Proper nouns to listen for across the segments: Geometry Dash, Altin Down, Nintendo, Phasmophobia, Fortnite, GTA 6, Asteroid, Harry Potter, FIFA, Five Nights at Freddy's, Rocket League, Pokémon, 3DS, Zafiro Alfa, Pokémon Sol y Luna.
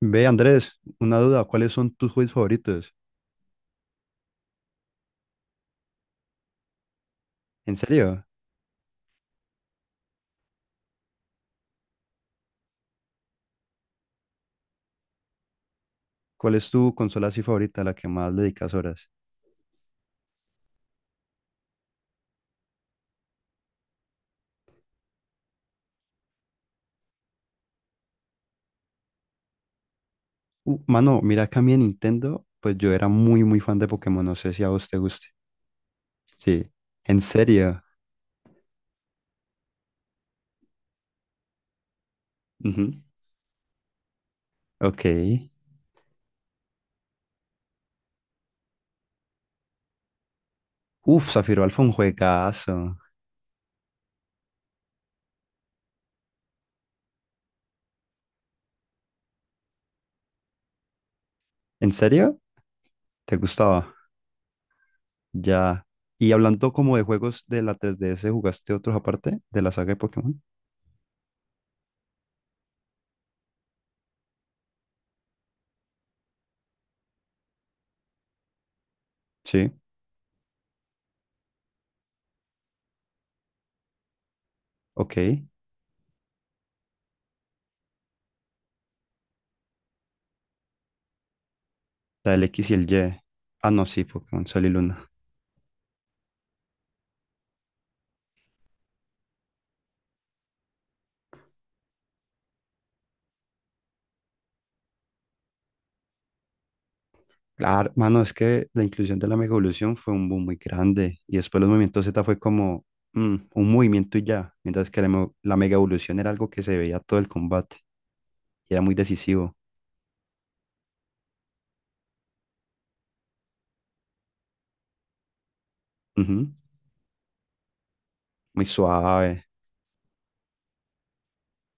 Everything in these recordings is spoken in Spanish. Ve, Andrés, una duda, ¿cuáles son tus juegos favoritos? ¿En serio? ¿Cuál es tu consola así favorita, a la que más le dedicas horas? Mano, mira que a mí en Nintendo, pues yo era muy, muy fan de Pokémon, no sé si a vos te guste. Sí, en serio. Ujú. Ok. Uf, Zafiro Alfa, un juegazo. ¿En serio? ¿Te gustaba? Ya. Y hablando como de juegos de la 3DS, ¿jugaste otros aparte de la saga de Pokémon? Sí, ok. La del X y el Y. Ah, no, sí, Pokémon Sol y Luna. Claro, mano, es que la inclusión de la mega evolución fue un boom muy grande y después los movimientos Z fue como un movimiento y ya, mientras que la mega evolución era algo que se veía todo el combate y era muy decisivo. Ujú, muy suave.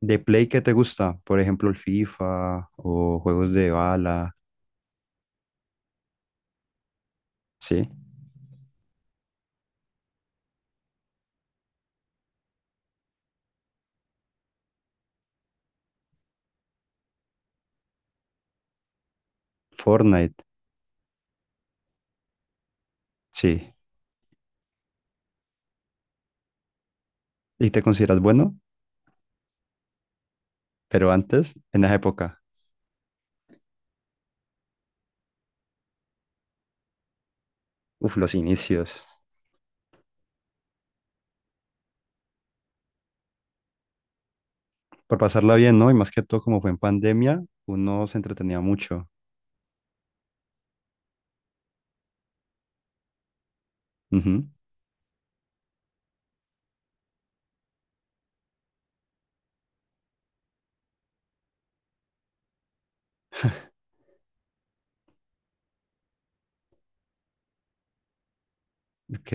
¿De Play qué te gusta? Por ejemplo, el FIFA o juegos de bala, ¿sí? Fortnite, sí. ¿Y te consideras bueno? Pero antes, en esa época, uf, los inicios. Por pasarla bien, ¿no? Y más que todo, como fue en pandemia, uno se entretenía mucho. Ok.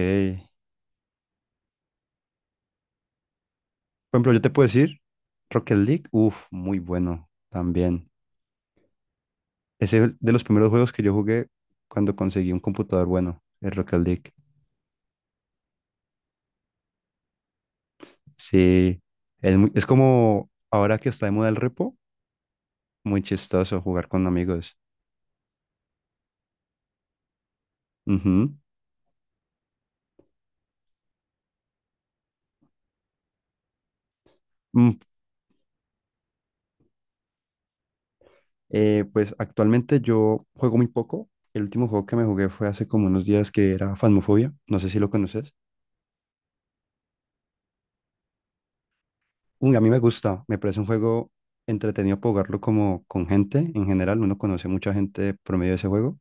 Por ejemplo, yo te puedo decir. Rocket League, uff, muy bueno también. Ese es de los primeros juegos que yo jugué cuando conseguí un computador bueno, el Rocket League. Sí, es como ahora que está de moda el repo, muy chistoso jugar con amigos. Ujú. Mm, pues actualmente yo juego muy poco. El último juego que me jugué fue hace como unos días que era Phasmophobia. No sé si lo conoces. Uy, a mí me gusta, me parece un juego entretenido para jugarlo como con gente en general, uno conoce mucha gente por medio de ese juego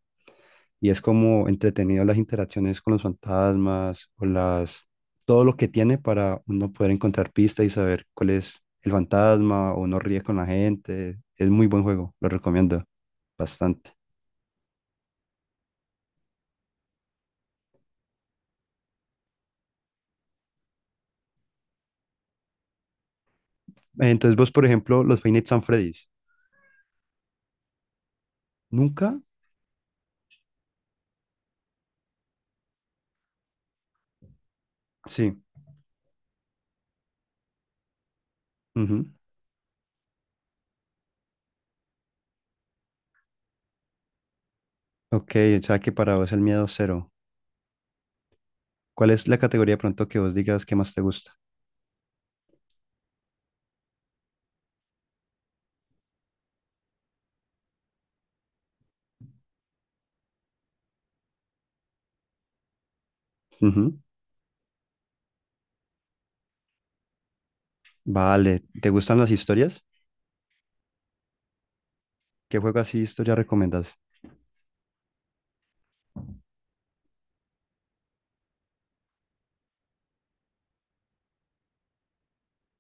y es como entretenido las interacciones con los fantasmas o las todo lo que tiene para uno poder encontrar pistas y saber cuál es el fantasma o no ríe con la gente. Es muy buen juego, lo recomiendo bastante. Entonces vos, por ejemplo, los Five Nights at Freddy's, ¿nunca? Sí. Ujú. Ok, o sea que para vos el miedo cero. ¿Cuál es la categoría de pronto que vos digas que más te gusta? Vale, ¿te gustan las historias? ¿Qué juego así de historia recomiendas?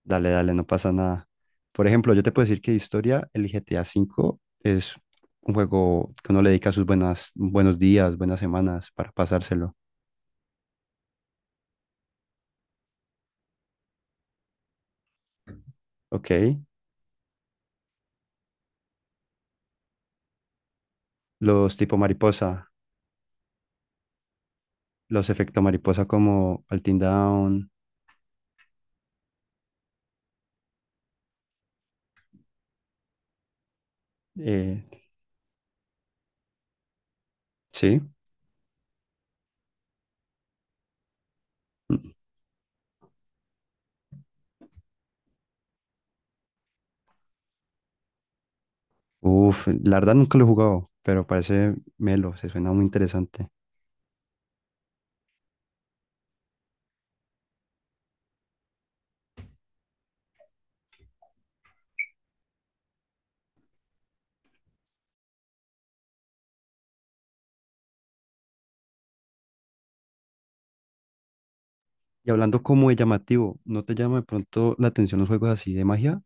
Dale, dale, no pasa nada. Por ejemplo, yo te puedo decir que de historia, el GTA 5 es un juego que uno le dedica sus buenas, buenos días, buenas semanas para pasárselo. Ok. Los tipo mariposa, los efectos mariposa como Altin Down. eh, sí. Uf, la verdad nunca lo he jugado, pero parece melo, se suena muy interesante. Y hablando como de llamativo, ¿no te llama de pronto la atención los juegos así de magia?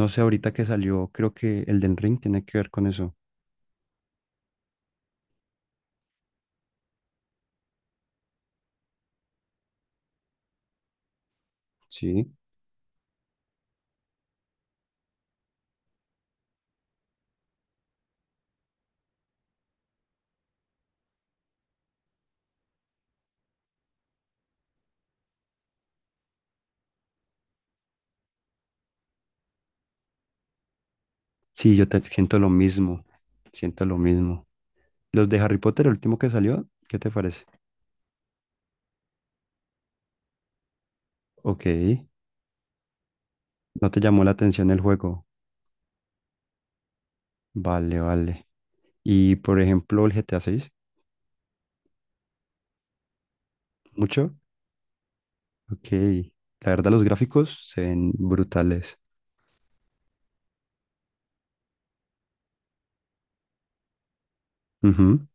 No sé, ahorita que salió, creo que el del Ring tiene que ver con eso. Sí. Sí, siento lo mismo. Siento lo mismo. Los de Harry Potter, el último que salió, ¿qué te parece? Ok. ¿No te llamó la atención el juego? Vale, vale. Y por ejemplo, el GTA 6, ¿mucho? Ok. La verdad, los gráficos se ven brutales. Ujú.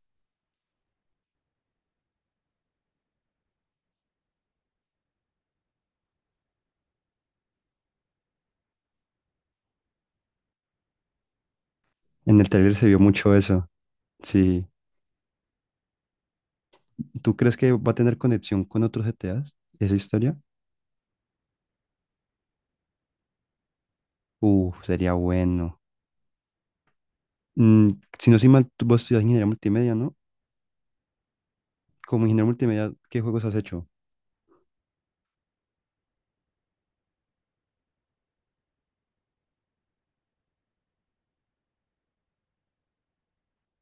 En el trailer se vio mucho eso. Sí. ¿Tú crees que va a tener conexión con otros GTAs? ¿Esa historia? Sería bueno. Mm, si no soy mal, vos estudias ingeniería multimedia, ¿no? Como ingeniero multimedia, ¿qué juegos has hecho?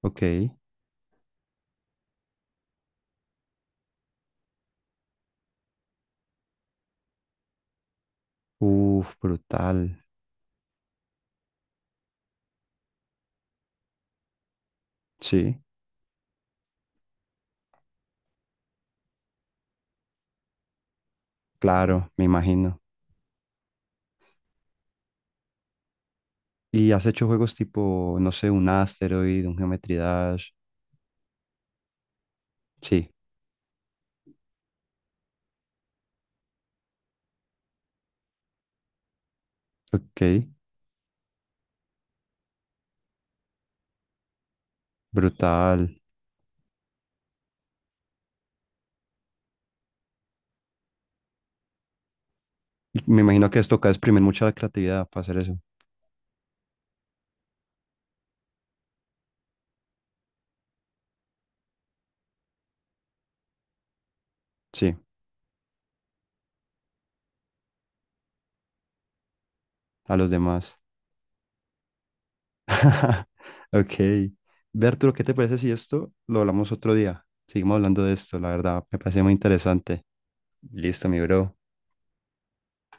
Ok. Uf, brutal. Sí, claro, me imagino. ¿Y has hecho juegos tipo, no sé, un Asteroid, un Geometry Dash? Sí, ok, brutal. Y me imagino que esto toca exprimir mucha creatividad para hacer eso. Sí, a los demás. Ok. Ve, Arturo, ¿qué te parece si esto lo hablamos otro día? Seguimos hablando de esto, la verdad, me parece muy interesante. Listo, mi bro.